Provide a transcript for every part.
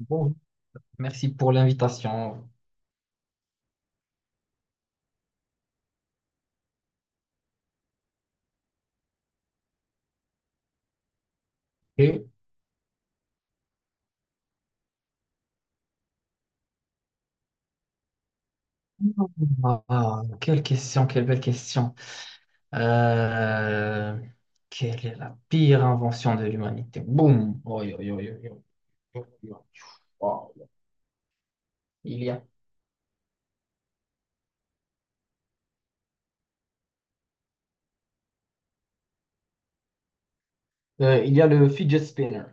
Bon, merci pour l'invitation. Et... Ah, quelle question, quelle belle question. Euh, Quelle est la pire invention de l'humanité? Boum. Oi, oi, oi, oi, oi, oi, oi. Wow. Il y a, il y a le fidget spinner.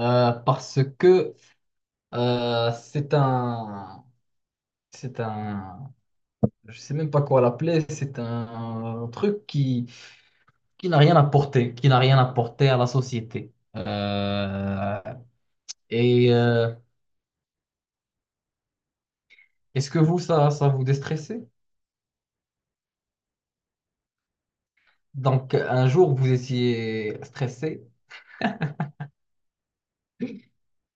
Parce que euh, c'est un, c'est un, je sais même pas quoi l'appeler, c'est un truc qui n'a rien apporté, qui n'a rien apporté à la société. Et est-ce que vous, ça vous déstressait? Donc, un jour, vous étiez stressé.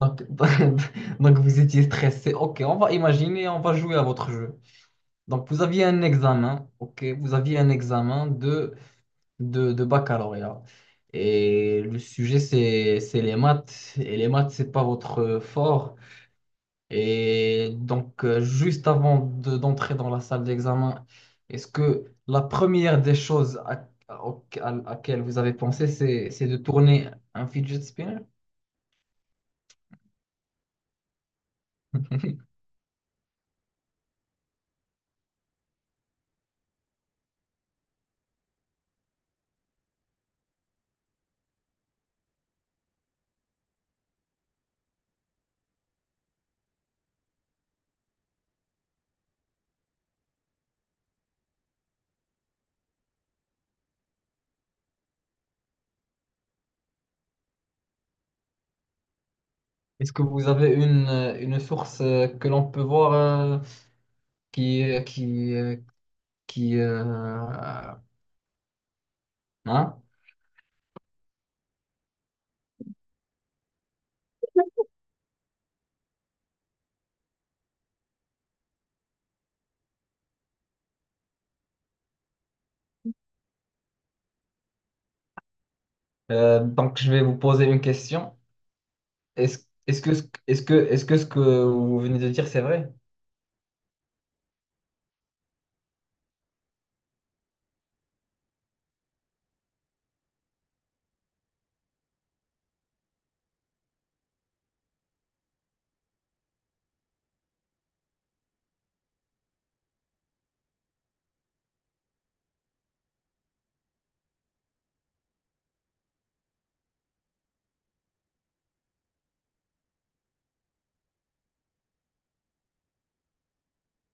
Donc, donc, vous étiez stressé. OK, on va imaginer, on va jouer à votre jeu. Donc, vous aviez un examen. OK, vous aviez un examen de baccalauréat. Et le sujet, c'est les maths. Et les maths, c'est pas votre fort. Et donc, juste avant d'entrer dans la salle d'examen, est-ce que la première des choses à laquelle vous avez pensé, c'est de tourner un fidget spinner? Est-ce que vous avez une source que l'on peut voir qui, euh, qui, euh, qui hein? Donc, je vais vous poser une question. Est-ce, est-ce que ce que vous venez de dire, c'est vrai?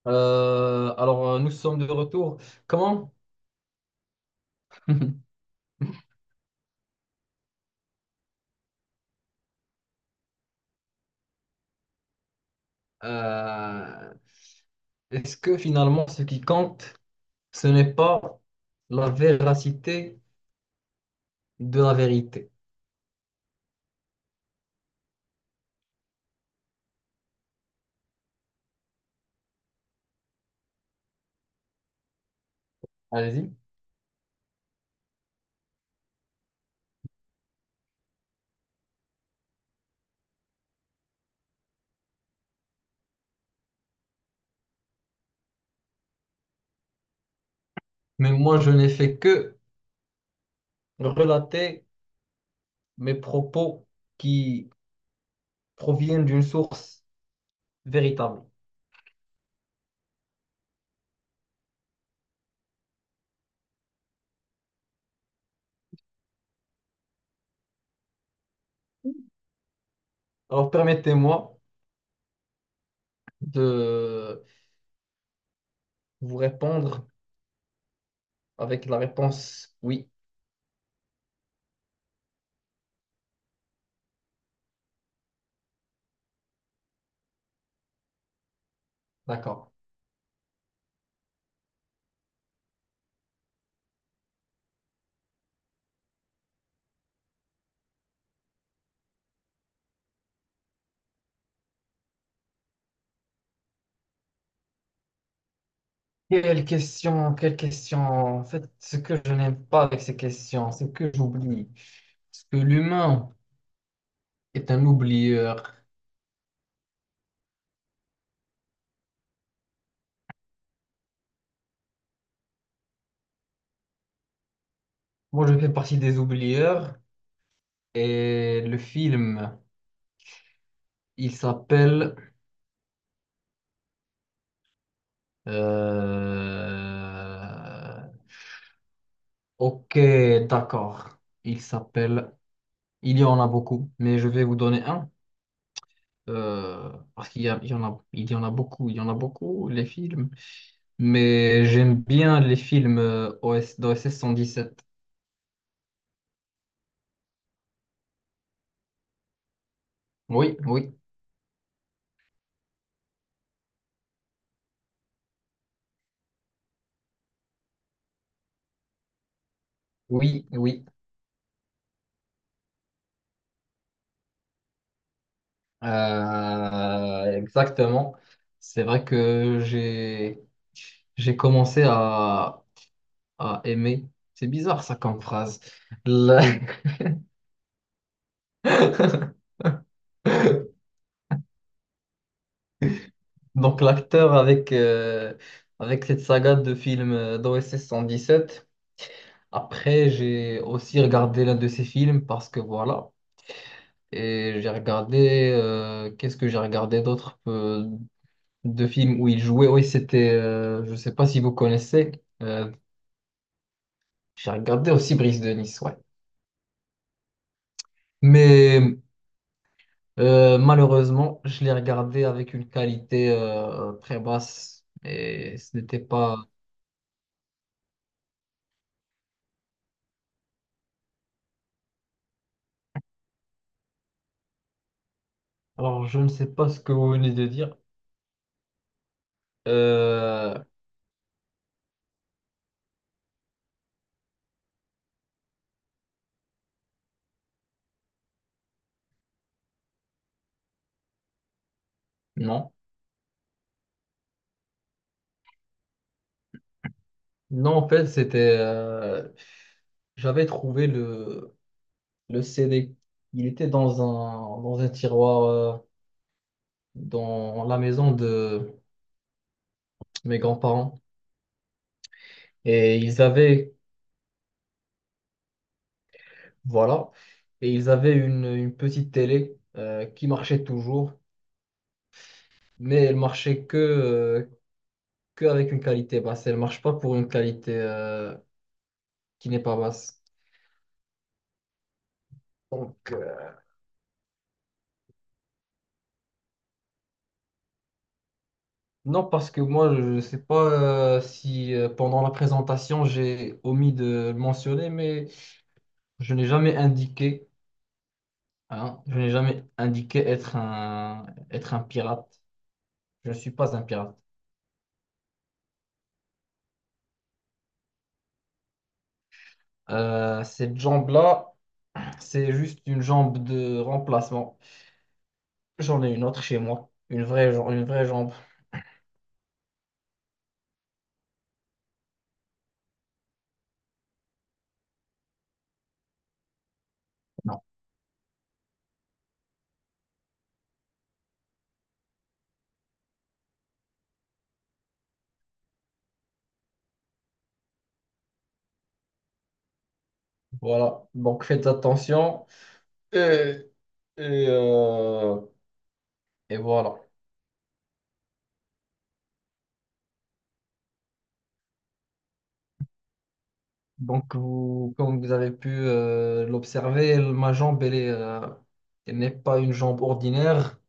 Nous sommes de retour. Comment? Euh, Est-ce que finalement, ce qui compte, ce n'est pas la véracité de la vérité? Allez-y. Mais moi, je n'ai fait que relater mes propos qui proviennent d'une source véritable. Alors permettez-moi de vous répondre avec la réponse oui. D'accord. Quelle question, quelle question. En fait, ce que je n'aime pas avec ces questions, c'est que j'oublie. Parce que l'humain est un oublieur. Moi, je fais partie des oublieurs et le film, il s'appelle... euh, Ok, d'accord. Il s'appelle... Il y en a beaucoup, mais je vais vous donner un. Parce qu'il y a- Il y en a, il y en a beaucoup, il y en a beaucoup, les films. Mais j'aime bien les films OS, d'OSS 117. Oui, oui, oui, oui. Exactement. C'est vrai que j'ai commencé à aimer. C'est bizarre ça comme phrase. La- Donc l'acteur avec, avec cette saga de films d'OSS 117. Après, j'ai aussi regardé l'un de ses films parce que voilà. Et j'ai regardé, qu'est-ce que j'ai regardé d'autres de films où il jouait? Oui, c'était, je sais pas si vous connaissez, euh, j'ai regardé aussi Brise de Nice, ouais. Mais malheureusement, je l'ai regardé avec une qualité très basse et ce n'était pas. Alors, je ne sais pas ce que vous venez de dire. Euh, non. Non, en fait, c'était. J'avais trouvé le CD. Il était dans un tiroir dans la maison de mes grands-parents. Et ils avaient, voilà, et ils avaient une petite télé qui marchait toujours, mais elle marchait que avec une qualité basse. Elle marche pas pour une qualité qui n'est pas basse. Donc, non, parce que moi, je ne sais pas si pendant la présentation, j'ai omis de le mentionner, mais je n'ai jamais indiqué, hein, je n'ai jamais indiqué être un pirate. Je ne suis pas un pirate. Cette jambe-là, c'est juste une jambe de remplacement. J'en ai une autre chez moi. Une vraie, une vraie jambe. Non. Voilà. Donc faites attention. Et, et, euh, et voilà. Donc, vous, comme vous avez pu l'observer, ma jambe, elle n'est pas une jambe ordinaire.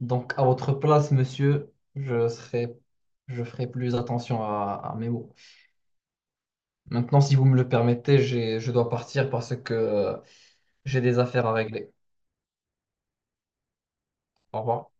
Donc, à votre place, monsieur, je ferai plus attention à mes mots. Maintenant, si vous me le permettez, je dois partir parce que j'ai des affaires à régler. Au revoir.